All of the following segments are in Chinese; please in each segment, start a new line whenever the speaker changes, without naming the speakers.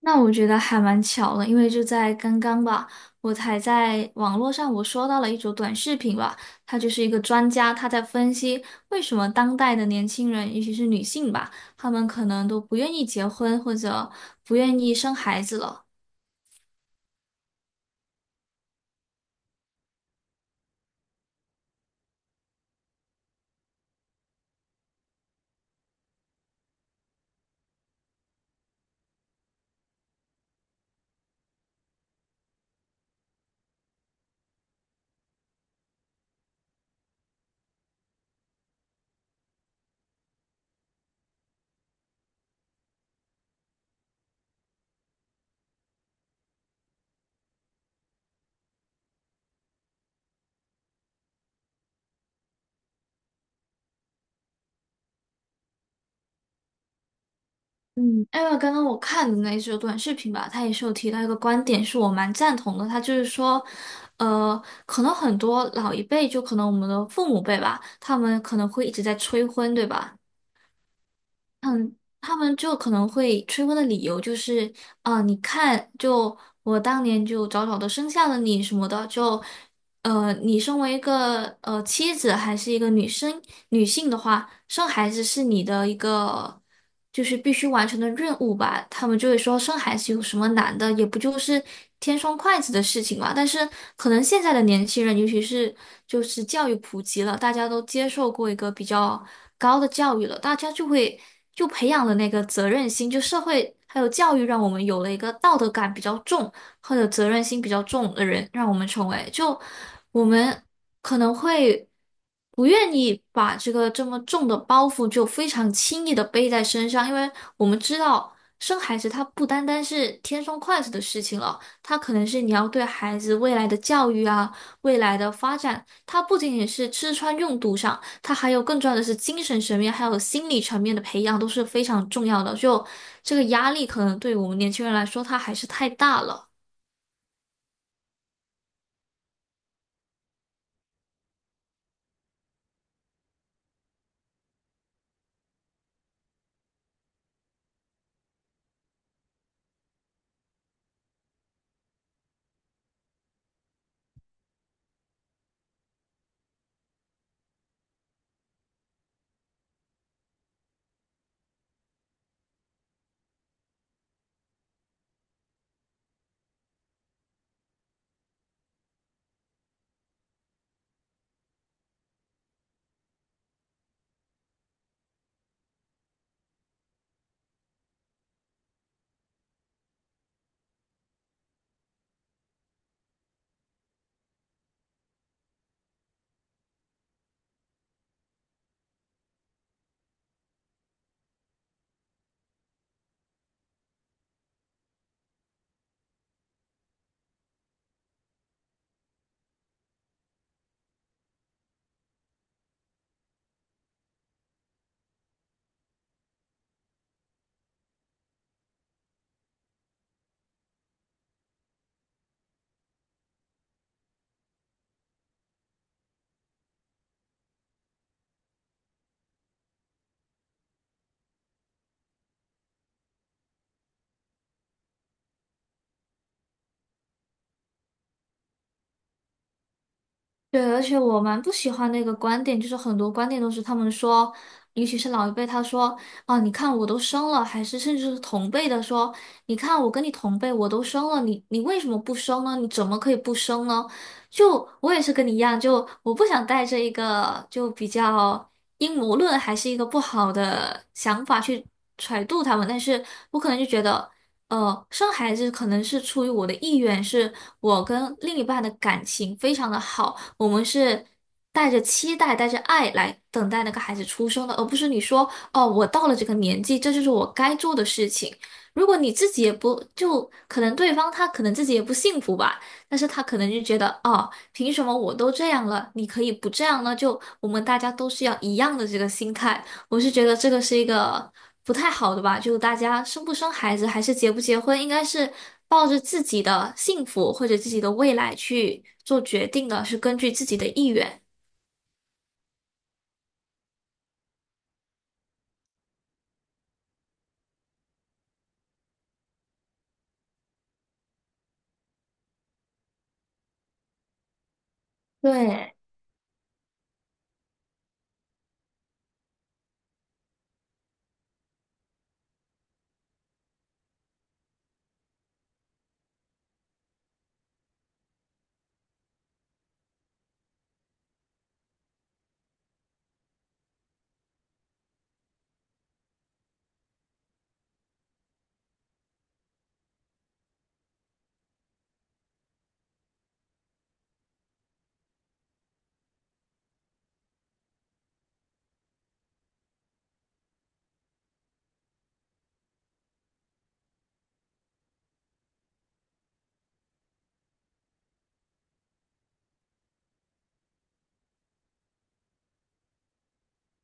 那我觉得还蛮巧的，因为就在刚刚吧，我才在网络上刷到了一组短视频吧，他就是一个专家，他在分析为什么当代的年轻人，尤其是女性吧，她们可能都不愿意结婚或者不愿意生孩子了。嗯，因为刚刚我看的那一组短视频吧，他也是有提到一个观点，是我蛮赞同的，他就是说，可能很多老一辈，就可能我们的父母辈吧，他们可能会一直在催婚，对吧？嗯，他们就可能会催婚的理由就是，啊、你看，就我当年就早早的生下了你什么的，就你身为一个妻子还是一个女性的话，生孩子是你的一个就是必须完成的任务吧？他们就会说生孩子有什么难的，也不就是添双筷子的事情嘛。但是可能现在的年轻人，尤其是就是教育普及了，大家都接受过一个比较高的教育了，大家就会就培养了那个责任心，就社会还有教育让我们有了一个道德感比较重。或者责任心比较重的人，让我们成为。就我们可能会不愿意把这个这么重的包袱就非常轻易的背在身上，因为我们知道生孩子它不单单是天生快乐的事情了，它可能是你要对孩子未来的教育啊、未来的发展，它不仅仅是吃穿用度上，它还有更重要的是精神层面还有心理层面的培养都是非常重要的。就这个压力可能对我们年轻人来说，它还是太大了。对，而且我蛮不喜欢那个观点，就是很多观点都是他们说，尤其是老一辈，他说啊，你看我都生了，还是甚至是同辈的说，你看我跟你同辈，我都生了，你为什么不生呢？你怎么可以不生呢？就我也是跟你一样，就我不想带着一个就比较阴谋论还是一个不好的想法去揣度他们，但是我可能就觉得。生孩子可能是出于我的意愿，是我跟另一半的感情非常的好，我们是带着期待、带着爱来等待那个孩子出生的，而不是你说哦，我到了这个年纪，这就是我该做的事情。如果你自己也不，就可能对方他可能自己也不幸福吧，但是他可能就觉得哦，凭什么我都这样了，你可以不这样呢？就我们大家都是要一样的这个心态。我是觉得这个是一个不太好的吧，就大家生不生孩子，还是结不结婚，应该是抱着自己的幸福或者自己的未来去做决定的，是根据自己的意愿。对。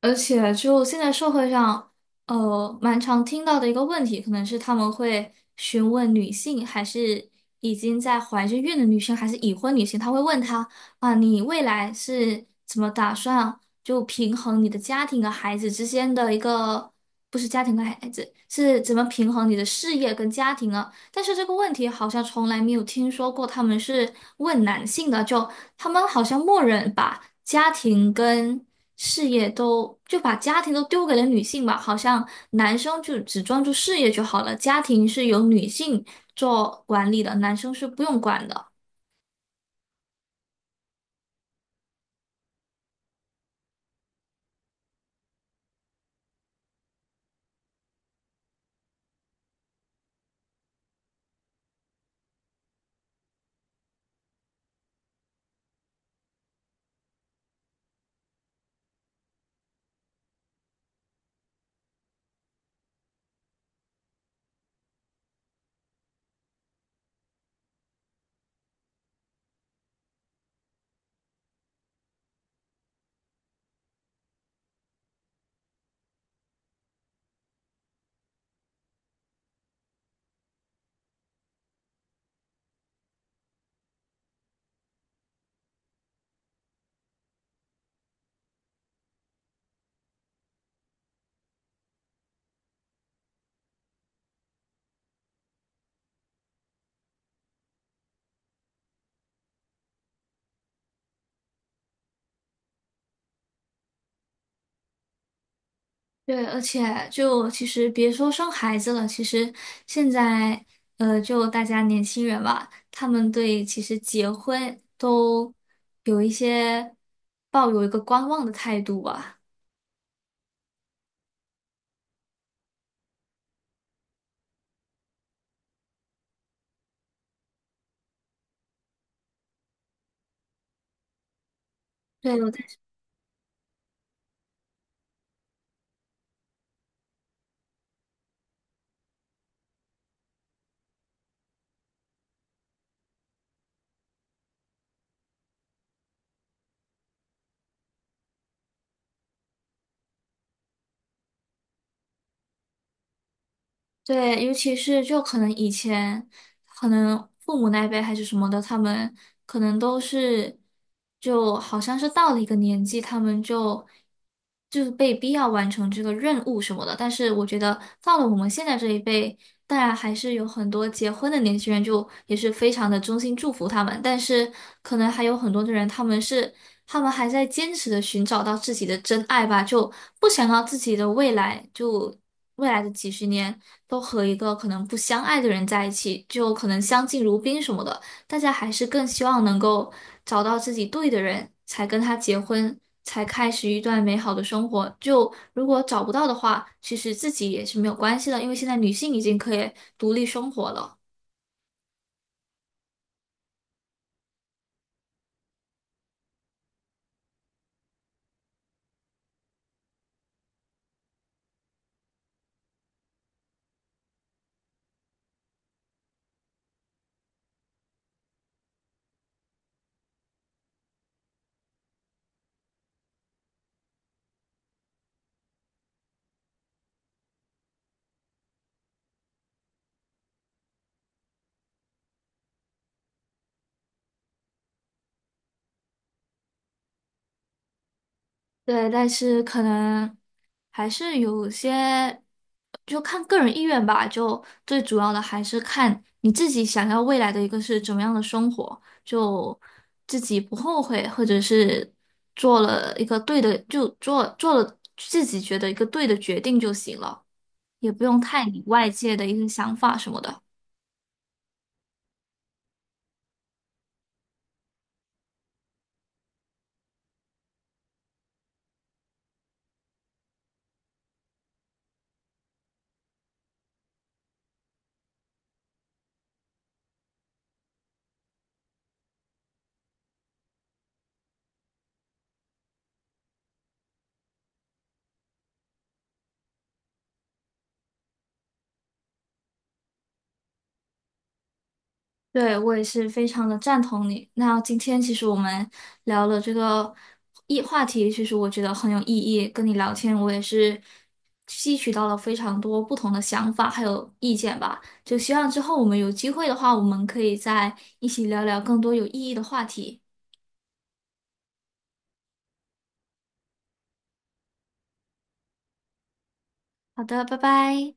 而且就现在社会上，蛮常听到的一个问题，可能是他们会询问女性，还是已经在怀着孕的女性，还是已婚女性，他会问她啊，你未来是怎么打算就平衡你的家庭和孩子之间的一个，不是家庭和孩子，是怎么平衡你的事业跟家庭啊？但是这个问题好像从来没有听说过他们是问男性的，就他们好像默认把家庭跟事业都，就把家庭都丢给了女性吧，好像男生就只专注事业就好了，家庭是由女性做管理的，男生是不用管的。对，而且就其实别说生孩子了，其实现在就大家年轻人吧，他们对其实结婚都有一些抱有一个观望的态度吧。对，对，尤其是就可能以前，可能父母那一辈还是什么的，他们可能都是，就好像是到了一个年纪，他们就就是被逼要完成这个任务什么的。但是我觉得到了我们现在这一辈，当然还是有很多结婚的年轻人，就也是非常的衷心祝福他们。但是可能还有很多的人，他们还在坚持的寻找到自己的真爱吧，就不想要自己的未来，就未来的几十年都和一个可能不相爱的人在一起，就可能相敬如宾什么的。大家还是更希望能够找到自己对的人，才跟他结婚，才开始一段美好的生活。就如果找不到的话，其实自己也是没有关系的，因为现在女性已经可以独立生活了。对，但是可能还是有些，就看个人意愿吧。就最主要的还是看你自己想要未来的一个是怎么样的生活，就自己不后悔，或者是做了一个对的，就做了自己觉得一个对的决定就行了，也不用太理外界的一些想法什么的。对，我也是非常的赞同你。那今天其实我们聊了这个议话题，其实我觉得很有意义。跟你聊天，我也是吸取到了非常多不同的想法还有意见吧。就希望之后我们有机会的话，我们可以再一起聊聊更多有意义的话题。好的，拜拜。